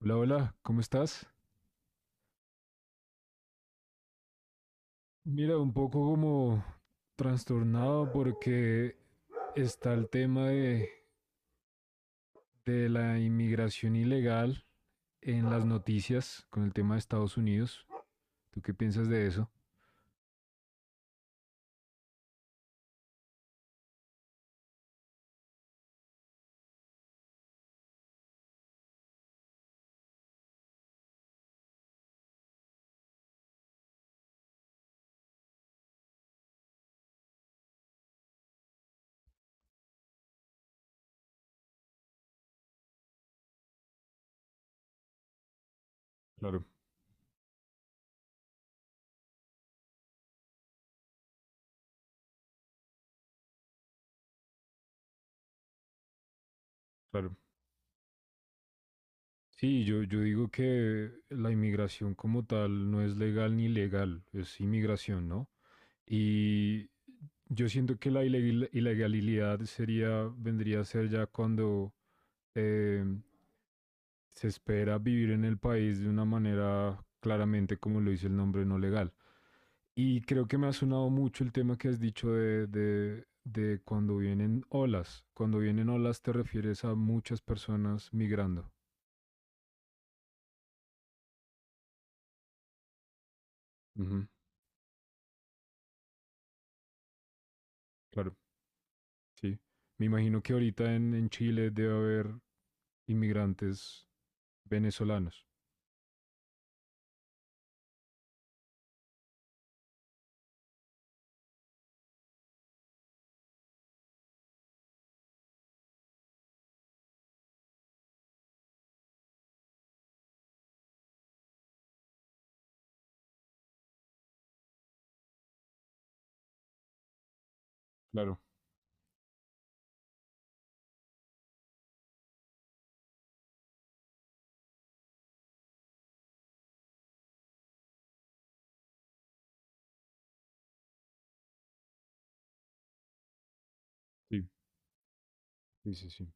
Hola, hola, ¿cómo estás? Mira, un poco como trastornado porque está el tema de la inmigración ilegal en las noticias con el tema de Estados Unidos. ¿Tú qué piensas de eso? Claro, claro. Sí, yo digo que la inmigración como tal no es legal ni ilegal, es inmigración, ¿no? Y yo siento que la ilegalidad sería, vendría a ser ya cuando eh, se espera vivir en el país de una manera claramente, como lo dice el nombre, no legal. Y creo que me ha sonado mucho el tema que has dicho de cuando vienen olas. Cuando vienen olas te refieres a muchas personas migrando. Ujú, claro, sí. Me imagino que ahorita en Chile debe haber inmigrantes venezolanos. Claro, sí, sí, sí, sí.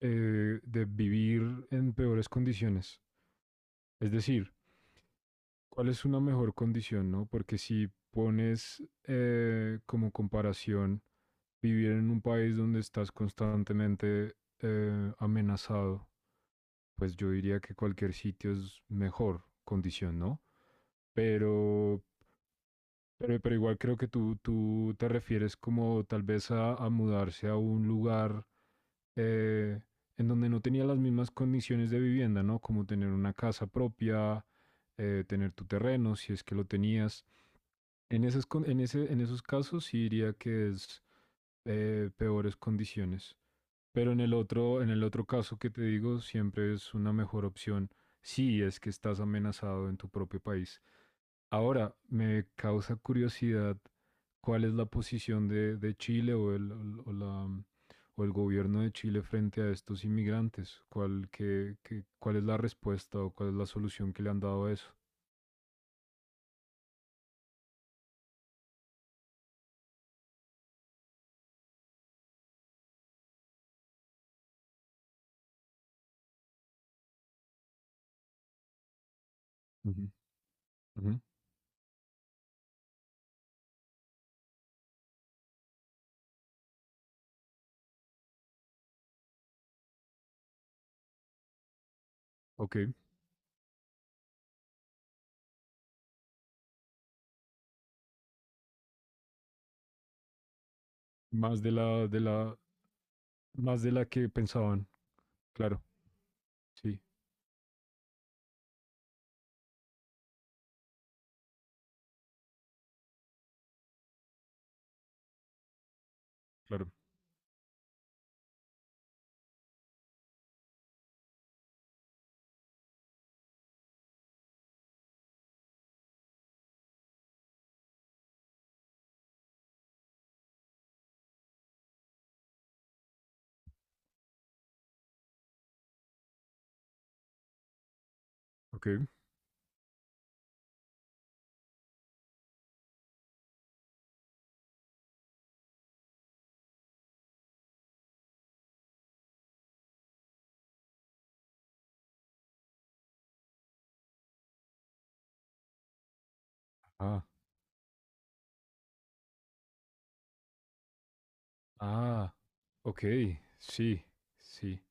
De vivir en peores condiciones. Es decir, ¿cuál es una mejor condición, no? Porque si pones como comparación vivir en un país donde estás constantemente amenazado, pues yo diría que cualquier sitio es mejor condición, ¿no? Pero, pero igual creo que tú te refieres como tal vez a mudarse a un lugar eh, en donde no tenía las mismas condiciones de vivienda, ¿no? Como tener una casa propia, tener tu terreno, si es que lo tenías. En esas, con- en ese, en esos casos sí diría que es peores condiciones. Pero en el otro caso que te digo, siempre es una mejor opción si es que estás amenazado en tu propio país. Ahora, me causa curiosidad cuál es la posición de Chile o o la- el gobierno de Chile frente a estos inmigrantes. ¿Cuál, cuál es la respuesta o cuál es la solución que le han dado a eso? Ujú, ujú. Ok, más de la, de la, más de la que pensaban. Claro, sí, claro. Ok. Ah, ah, ok, sí, sí.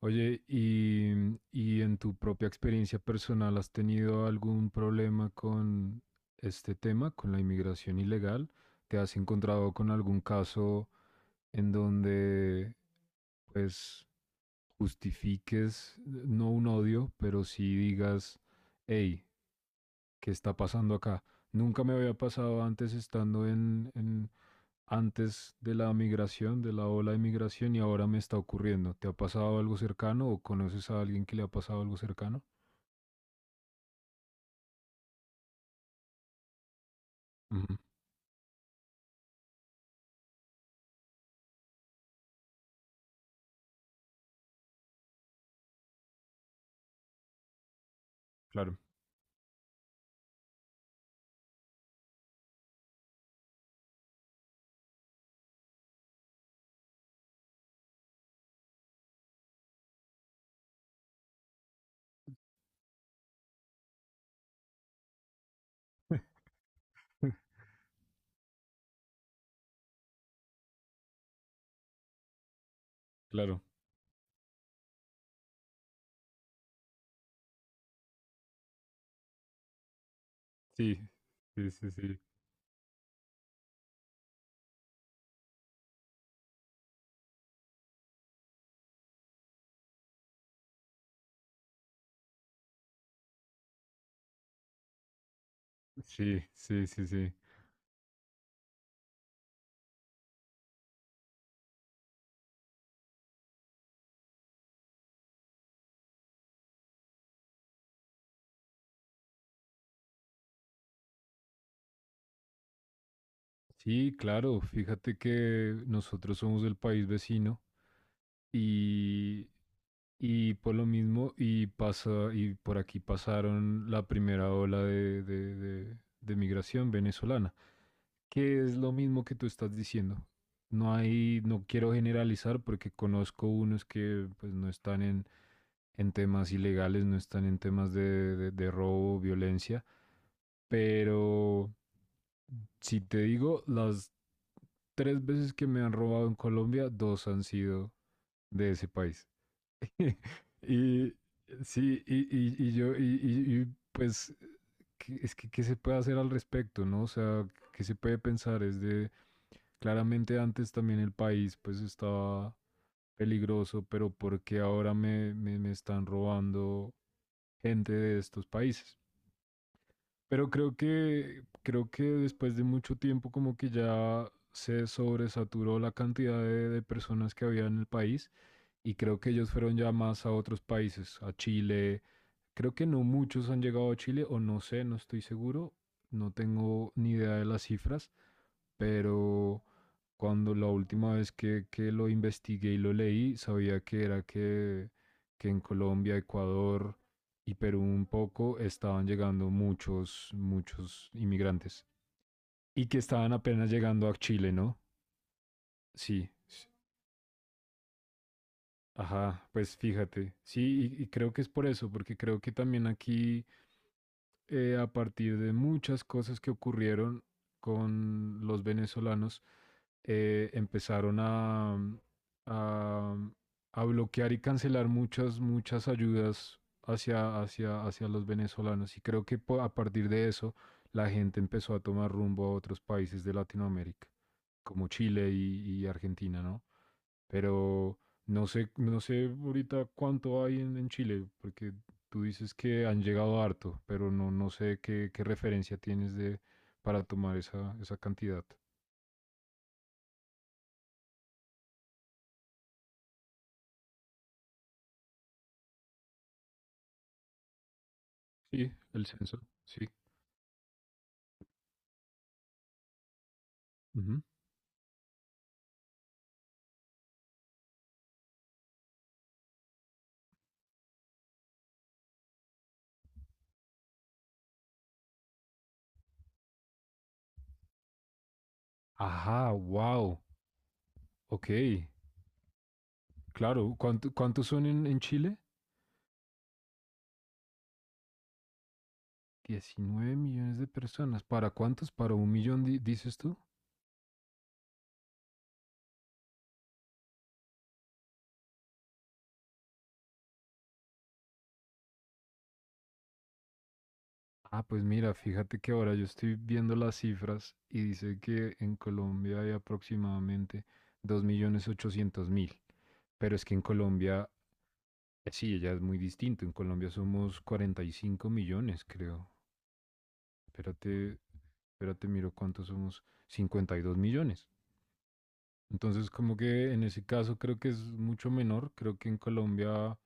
Oye, y en tu propia experiencia personal, ¿has tenido algún problema con este tema, con la inmigración ilegal? ¿Te has encontrado con algún caso en donde, pues, justifiques, no un odio, pero sí digas, hey, ¿qué está pasando acá? Nunca me había pasado antes estando antes de la migración, de la ola de migración, y ahora me está ocurriendo. ¿Te ha pasado algo cercano o conoces a alguien que le ha pasado algo cercano? Ujú, claro, claro. Sí, sí, sí, sí. Sí, sí, sí, sí. Sí, claro. Fíjate que nosotros somos del país vecino. Y, y por lo mismo, y por aquí pasaron la primera ola de migración venezolana, que es lo mismo que tú estás diciendo. No hay, no quiero generalizar porque conozco unos que pues no están en temas ilegales, no están en temas de robo, violencia, pero si te digo, las tres veces que me han robado en Colombia, dos han sido de ese país. Y sí, y yo, y, pues, ¿qué se puede hacer al respecto, no? O sea, ¿qué se puede pensar? Es de, claramente antes también el país, pues, estaba peligroso, pero ¿por qué ahora me están robando gente de estos países? Pero creo que después de mucho tiempo como que ya se sobresaturó la cantidad de personas que había en el país y creo que ellos fueron ya más a otros países, a Chile. Creo que no muchos han llegado a Chile o no sé, no estoy seguro, no tengo ni idea de las cifras, pero cuando la última vez que lo investigué y lo leí, sabía que era que en Colombia, Ecuador y Perú un poco estaban llegando muchos, muchos inmigrantes. Y que estaban apenas llegando a Chile, ¿no? Sí. Ajá, pues fíjate. Sí, y creo que es por eso, porque creo que también aquí a partir de muchas cosas que ocurrieron con los venezolanos, empezaron a, mm, a bloquear y cancelar muchas, muchas ayudas hacia los venezolanos. Y creo que a partir de eso la gente empezó a tomar rumbo a otros países de Latinoamérica, como Chile y Argentina, ¿no? Pero no sé, no sé ahorita cuánto hay en Chile, porque tú dices que han llegado harto, pero no, no sé qué referencia tienes de para tomar esa cantidad. Sí, el censo, sí. Ujú. Ajá, wow. Ok, claro. ¿Cuántos son en Chile? 19 millones de personas. ¿Para cuántos? ¿Para un millón dices tú? Ah, pues mira, fíjate que ahora yo estoy viendo las cifras y dice que en Colombia hay aproximadamente 2.800.000. Pero es que en Colombia, sí, ya es muy distinto. En Colombia somos 45 millones, creo. Espérate, espérate, miro cuántos somos. 52 millones. Entonces, como que en ese caso creo que es mucho menor. Creo que en Colombia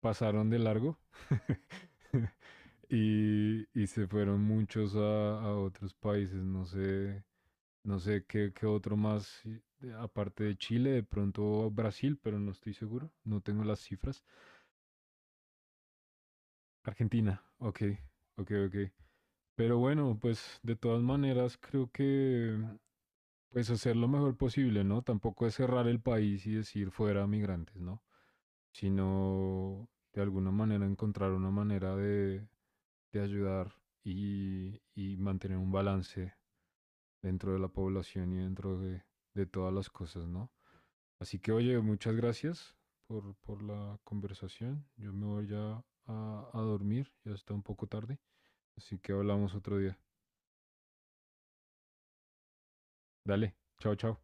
pasaron de largo y se fueron muchos a otros países, no sé, no sé qué, qué otro más, aparte de Chile, de pronto Brasil, pero no estoy seguro, no tengo las cifras. Argentina, ok, ok, ok. Pero bueno, pues de todas maneras creo que pues hacer lo mejor posible, ¿no? Tampoco es cerrar el país y decir fuera migrantes, ¿no? Sino de alguna manera encontrar una manera de ayudar y mantener un balance dentro de la población y dentro de todas las cosas, ¿no? Así que, oye, muchas gracias por la conversación. Yo me voy ya a dormir, ya está un poco tarde, así que hablamos otro día. Dale, chao, chao.